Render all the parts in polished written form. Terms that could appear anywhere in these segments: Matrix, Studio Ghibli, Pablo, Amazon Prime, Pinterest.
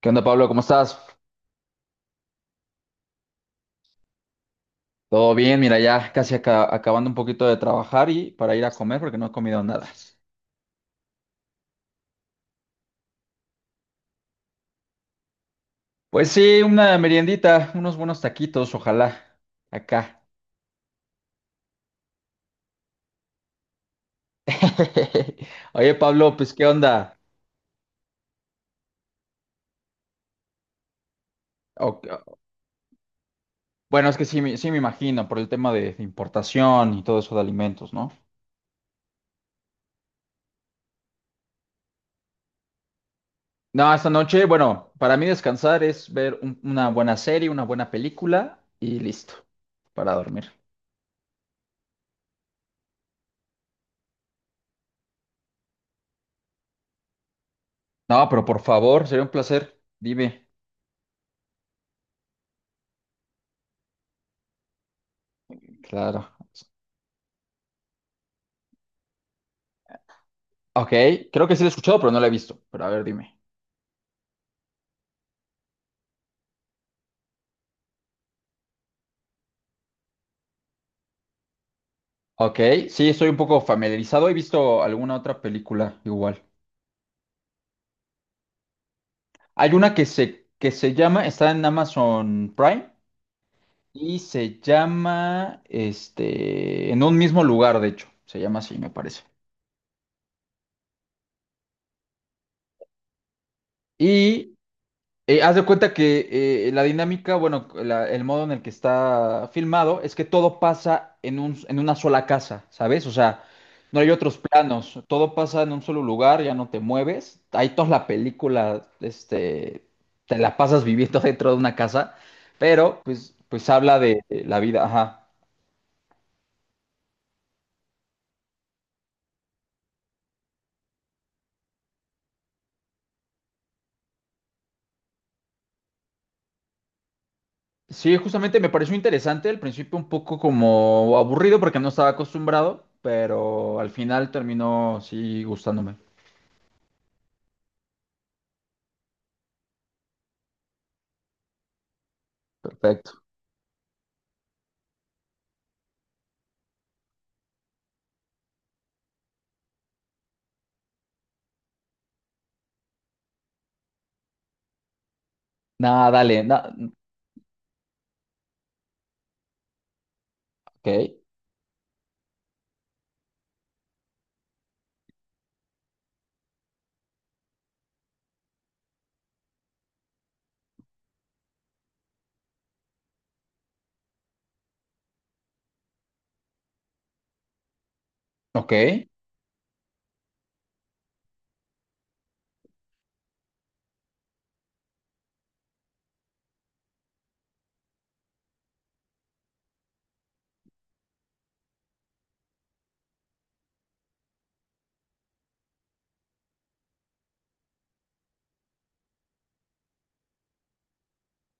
¿Qué onda, Pablo? ¿Cómo estás? Todo bien, mira, ya casi acabando un poquito de trabajar y para ir a comer porque no he comido nada. Pues sí, una meriendita, unos buenos taquitos, ojalá, acá. Oye, Pablo, pues ¿qué onda? O- Bueno, es que sí, sí me imagino por el tema de importación y todo eso de alimentos, ¿no? No, esta noche, bueno, para mí descansar es ver una buena serie, una buena película y listo, para dormir. No, pero por favor, sería un placer. Dime. Claro. Ok, creo que sí lo he escuchado, pero no la he visto. Pero a ver, dime. Ok, sí, estoy un poco familiarizado. He visto alguna otra película igual. Hay una que se llama, está en Amazon Prime y se llama, este, en un mismo lugar, de hecho. Se llama así, me parece. Y haz de cuenta que la dinámica, bueno, el modo en el que está filmado es que todo pasa en una sola casa, ¿sabes? O sea, no hay otros planos, todo pasa en un solo lugar, ya no te mueves. Ahí toda la película, este, te la pasas viviendo dentro de una casa, pero pues habla de la vida, ajá. Sí, justamente me pareció interesante, al principio un poco como aburrido porque no estaba acostumbrado, pero al final terminó sí gustándome. Perfecto. Nada, dale, ok. Ok.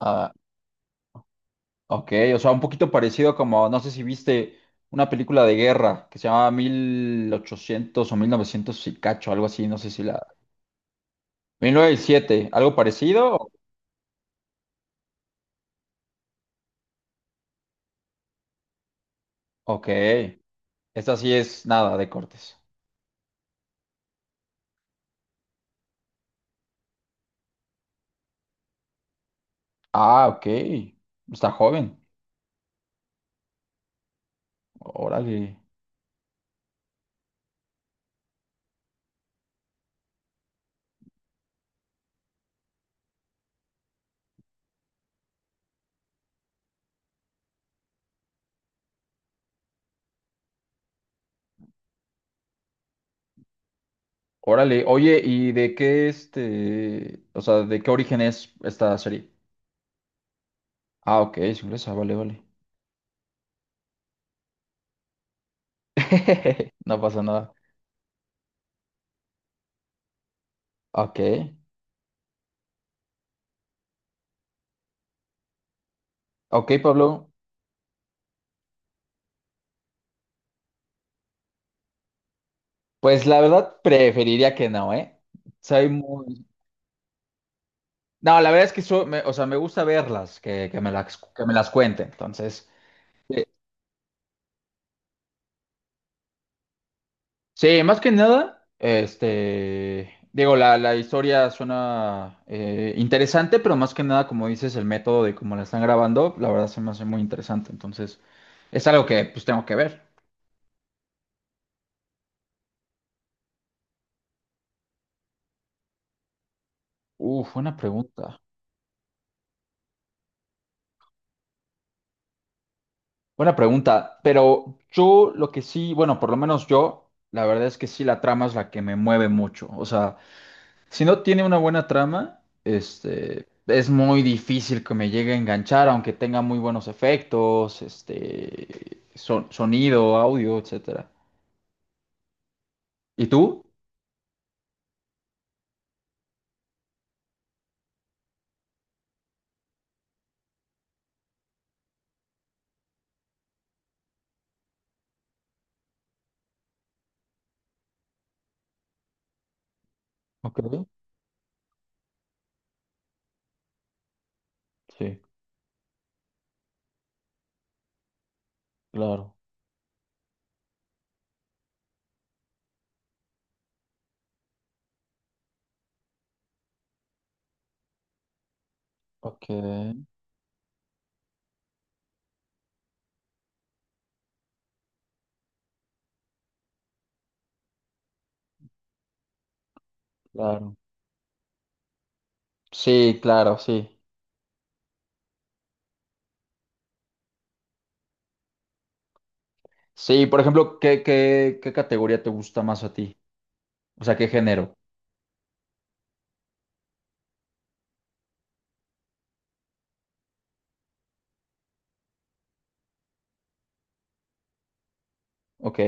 Ah, ok, o sea, un poquito parecido como, no sé si viste una película de guerra que se llama 800 o 1900 y cacho, algo así, no sé si la... 1907, algo parecido, ok, esta sí es nada de cortes. Ah, ok, está joven, órale. Órale, oye, ¿y de qué este, o sea, de qué origen es esta serie? Ah, ok, es inglesa, vale, vale, no pasa nada, ok. Ok, Pablo. Pues la verdad preferiría que no, ¿eh? Soy muy... No, la verdad es que o sea, me gusta verlas, que me las cuente. Entonces, eh, sí, más que nada, este, digo, la historia suena interesante, pero más que nada, como dices, el método de cómo la están grabando, la verdad se me hace muy interesante. Entonces, es algo que pues tengo que ver. Uf, buena pregunta. Buena pregunta, pero yo lo que sí, bueno, por lo menos yo, la verdad es que sí, la trama es la que me mueve mucho. O sea, si no tiene una buena trama, este, es muy difícil que me llegue a enganchar, aunque tenga muy buenos efectos, este, sonido, audio, etcétera. ¿Y tú? Ok, sí, claro. Ok, claro. Sí, claro, sí. Sí, por ejemplo, ¿qué categoría te gusta más a ti? O sea, ¿qué género? Ok.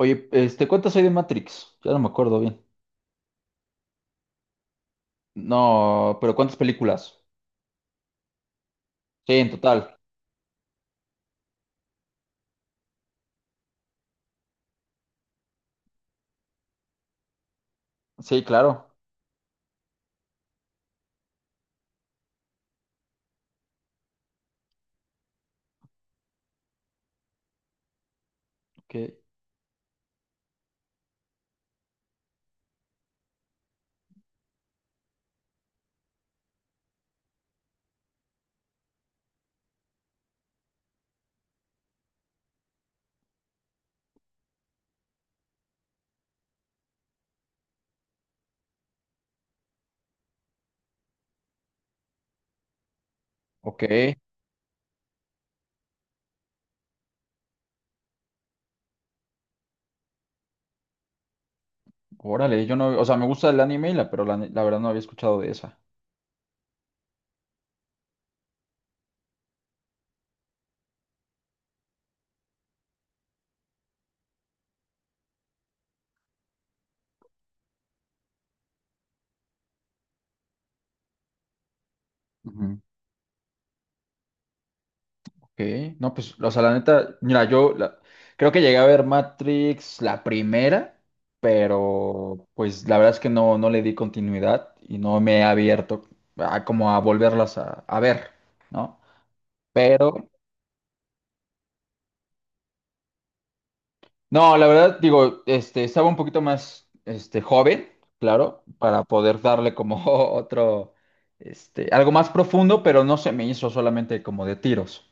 Oye, este, ¿cuántas hay de Matrix? Ya no me acuerdo bien. No, pero ¿cuántas películas? Sí, en total. Sí, claro. Ok. Ok. Órale, yo no, o sea, me gusta el anime, y la, pero la, ne- la verdad no había escuchado de esa. Ujú. Ok. No, pues, o sea, la neta, mira, creo que llegué a ver Matrix la primera, pero pues la verdad es que no le di continuidad y no me he abierto a como a volverlas a ver, ¿no? Pero no, la verdad, digo, este, estaba un poquito más, este, joven, claro, para poder darle como otro, este, algo más profundo, pero no se me hizo solamente como de tiros.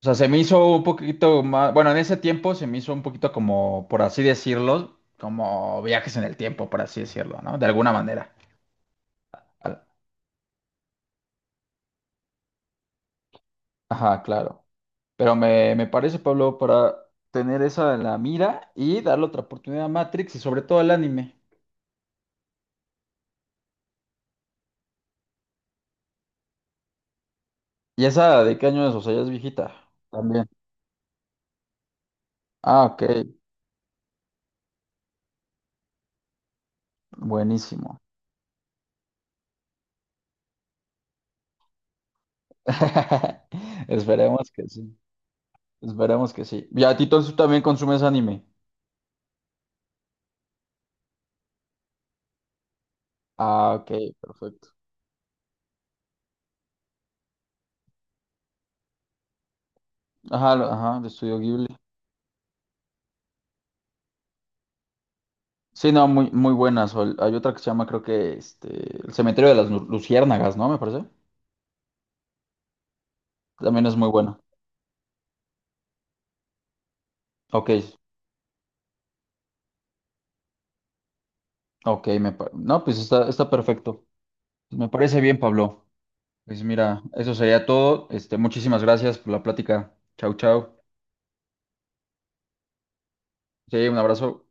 O sea, se me hizo un poquito más, bueno, en ese tiempo se me hizo un poquito como, por así decirlo, como viajes en el tiempo, por así decirlo, ¿no? De alguna manera. Al- Ajá, claro. Pero me parece, Pablo, para tener esa en la mira y darle otra oportunidad a Matrix y sobre todo al anime. ¿Y esa de qué año es? O sea, ya es viejita. También. Ah, ok. Buenísimo. Esperemos que sí. Esperemos que sí. ¿Y a ti entonces tú también consumes anime? Ah, ok, perfecto. Ajá, ajá, de Estudio Ghibli. Sí, no, muy, muy buenas. O hay otra que se llama, creo que, este, El Cementerio de las Luciérnagas, ¿no? Me parece. También es muy buena. Ok, ok, no, pues está, perfecto. Pues me parece bien, Pablo. Pues mira, eso sería todo. Este, muchísimas gracias por la plática. Chau, chau. Sí, un abrazo.